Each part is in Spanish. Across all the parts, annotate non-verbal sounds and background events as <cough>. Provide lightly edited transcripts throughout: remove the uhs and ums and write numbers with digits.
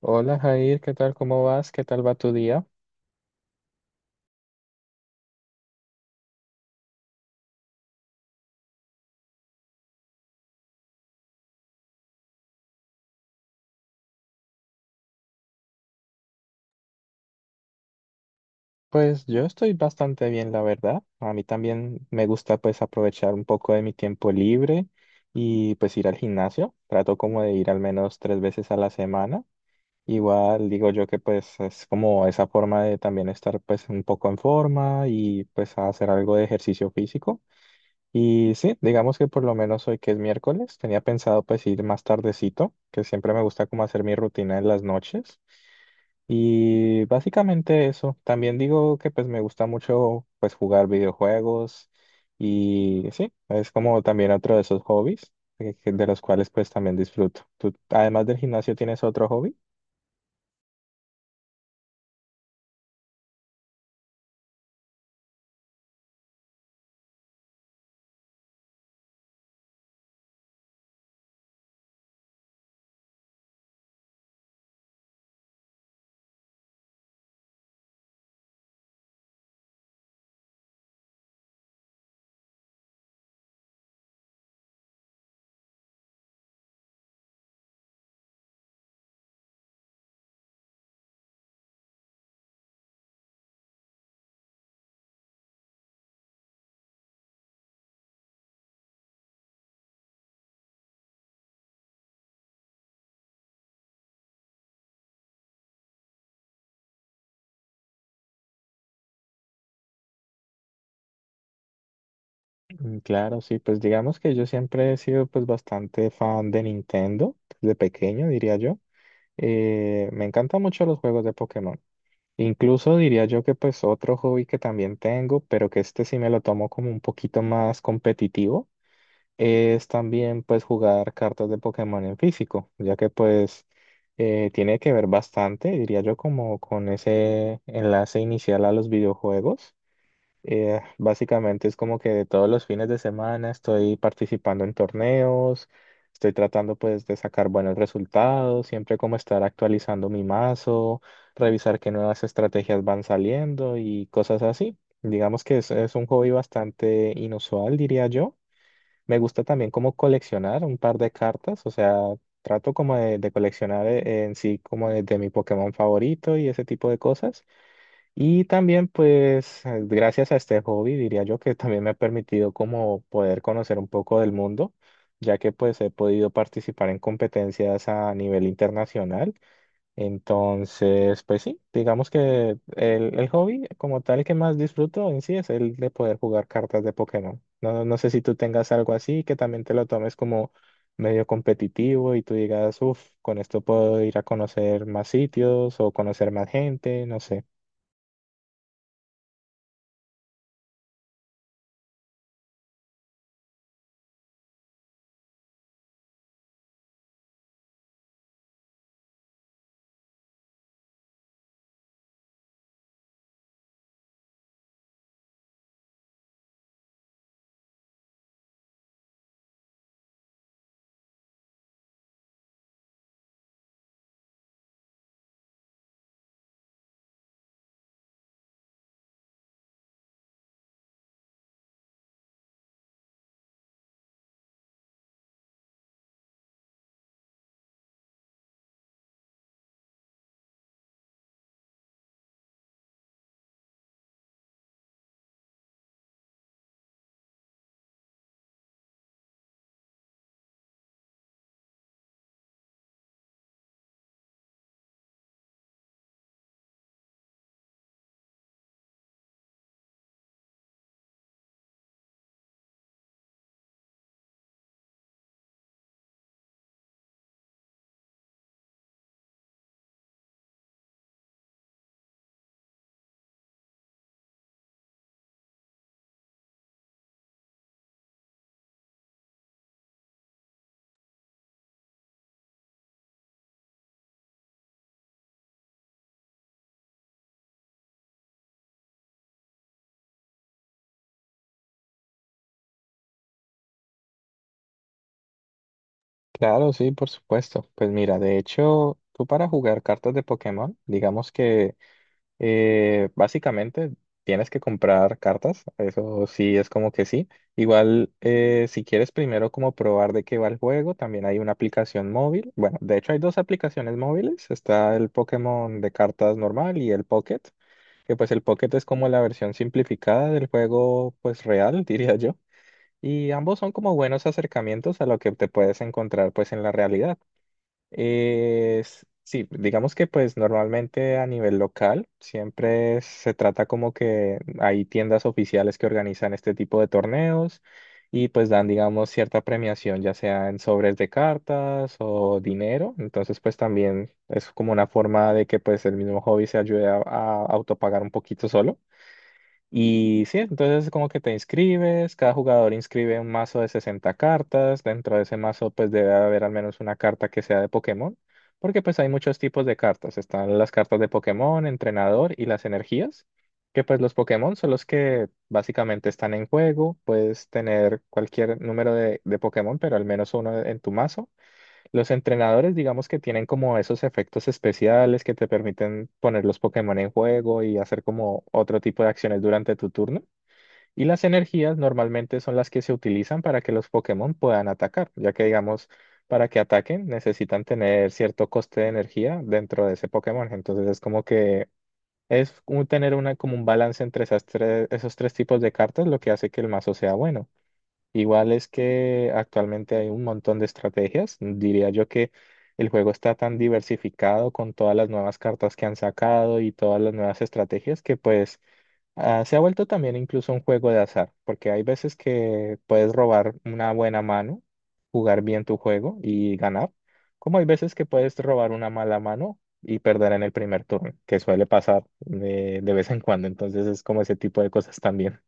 Hola Jair, ¿qué tal? ¿Cómo vas? ¿Qué tal va tu día? Pues yo estoy bastante bien, la verdad. A mí también me gusta pues aprovechar un poco de mi tiempo libre y pues ir al gimnasio. Trato como de ir al menos tres veces a la semana. Igual digo yo que pues es como esa forma de también estar pues un poco en forma y pues hacer algo de ejercicio físico. Y sí, digamos que por lo menos hoy que es miércoles, tenía pensado pues ir más tardecito, que siempre me gusta como hacer mi rutina en las noches. Y básicamente eso. También digo que pues me gusta mucho pues jugar videojuegos y sí, es como también otro de esos hobbies de los cuales pues también disfruto. ¿Tú además del gimnasio tienes otro hobby? Claro, sí, pues digamos que yo siempre he sido pues bastante fan de Nintendo, de pequeño diría yo. Me encantan mucho los juegos de Pokémon. Incluso diría yo que pues otro hobby que también tengo, pero que este sí me lo tomo como un poquito más competitivo es también pues jugar cartas de Pokémon en físico, ya que pues tiene que ver bastante, diría yo, como con ese enlace inicial a los videojuegos. Básicamente es como que todos los fines de semana estoy participando en torneos, estoy tratando pues de sacar buenos resultados, siempre como estar actualizando mi mazo, revisar qué nuevas estrategias van saliendo y cosas así. Digamos que es un hobby bastante inusual, diría yo. Me gusta también como coleccionar un par de cartas, o sea, trato como de, de coleccionar en sí como de mi Pokémon favorito y ese tipo de cosas. Y también pues gracias a este hobby diría yo que también me ha permitido como poder conocer un poco del mundo, ya que pues he podido participar en competencias a nivel internacional. Entonces, pues sí, digamos que el hobby como tal que más disfruto en sí es el de poder jugar cartas de Pokémon. No, no sé si tú tengas algo así que también te lo tomes como medio competitivo y tú digas, uff, con esto puedo ir a conocer más sitios o conocer más gente, no sé. Claro, sí, por supuesto. Pues mira, de hecho, tú para jugar cartas de Pokémon, digamos que básicamente tienes que comprar cartas, eso sí es como que sí. Igual si quieres primero como probar de qué va el juego, también hay una aplicación móvil. Bueno, de hecho hay dos aplicaciones móviles, está el Pokémon de cartas normal y el Pocket, que pues el Pocket es como la versión simplificada del juego pues real, <laughs> diría yo. Y ambos son como buenos acercamientos a lo que te puedes encontrar pues en la realidad. Sí, digamos que pues normalmente a nivel local siempre se trata como que hay tiendas oficiales que organizan este tipo de torneos y pues dan, digamos, cierta premiación, ya sea en sobres de cartas o dinero. Entonces pues también es como una forma de que pues el mismo hobby se ayude a autopagar un poquito solo. Y sí, entonces como que te inscribes, cada jugador inscribe un mazo de 60 cartas, dentro de ese mazo pues debe haber al menos una carta que sea de Pokémon, porque pues hay muchos tipos de cartas, están las cartas de Pokémon, entrenador y las energías, que pues los Pokémon son los que básicamente están en juego, puedes tener cualquier número de Pokémon, pero al menos uno en tu mazo. Los entrenadores, digamos que tienen como esos efectos especiales que te permiten poner los Pokémon en juego y hacer como otro tipo de acciones durante tu turno. Y las energías normalmente son las que se utilizan para que los Pokémon puedan atacar, ya que digamos, para que ataquen necesitan tener cierto coste de energía dentro de ese Pokémon. Entonces es como que es como tener una, como un balance entre esas tres, esos tres tipos de cartas, lo que hace que el mazo sea bueno. Igual es que actualmente hay un montón de estrategias. Diría yo que el juego está tan diversificado con todas las nuevas cartas que han sacado y todas las nuevas estrategias que pues se ha vuelto también incluso un juego de azar, porque hay veces que puedes robar una buena mano, jugar bien tu juego y ganar, como hay veces que puedes robar una mala mano y perder en el primer turno, que suele pasar de vez en cuando. Entonces es como ese tipo de cosas también.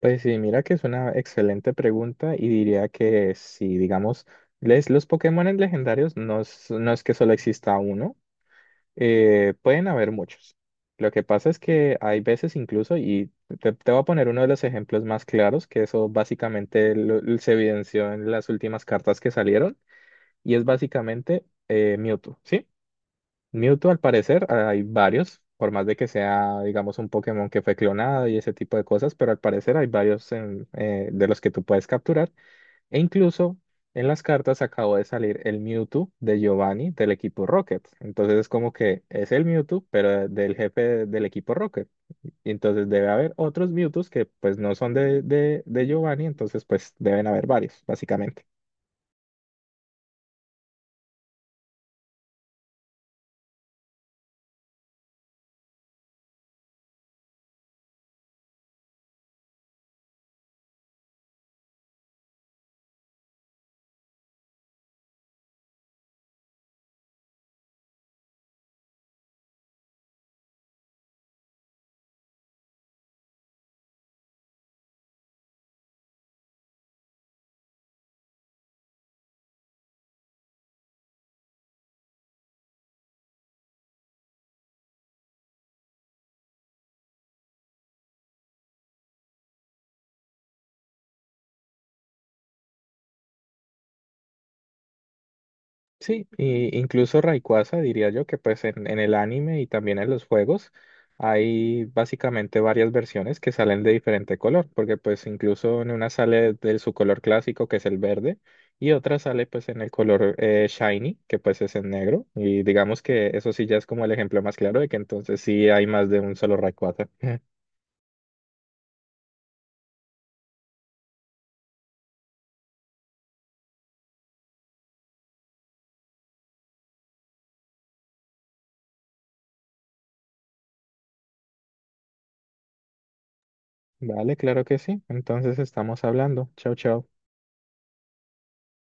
Pues sí, mira que es una excelente pregunta y diría que si, digamos, los Pokémon legendarios no es que solo exista uno, pueden haber muchos. Lo que pasa es que hay veces incluso, y te voy a poner uno de los ejemplos más claros, que eso básicamente se evidenció en las últimas cartas que salieron, y es básicamente Mewtwo, ¿sí? Mewtwo, al parecer, hay varios, por más de que sea, digamos, un Pokémon que fue clonado y ese tipo de cosas, pero al parecer hay varios de los que tú puedes capturar. E incluso en las cartas acabó de salir el Mewtwo de Giovanni del equipo Rocket. Entonces es como que es el Mewtwo, pero del jefe del equipo Rocket. Y entonces debe haber otros Mewtwo que pues no son de Giovanni, entonces pues deben haber varios, básicamente. Sí, y incluso Rayquaza, diría yo que pues en el anime y también en los juegos hay básicamente varias versiones que salen de diferente color, porque pues incluso en una sale de su color clásico que es el verde y otra sale pues en el color shiny que pues es en negro y digamos que eso sí ya es como el ejemplo más claro de que entonces sí hay más de un solo Rayquaza. <laughs> Vale, claro que sí, entonces estamos hablando. Chao, chao.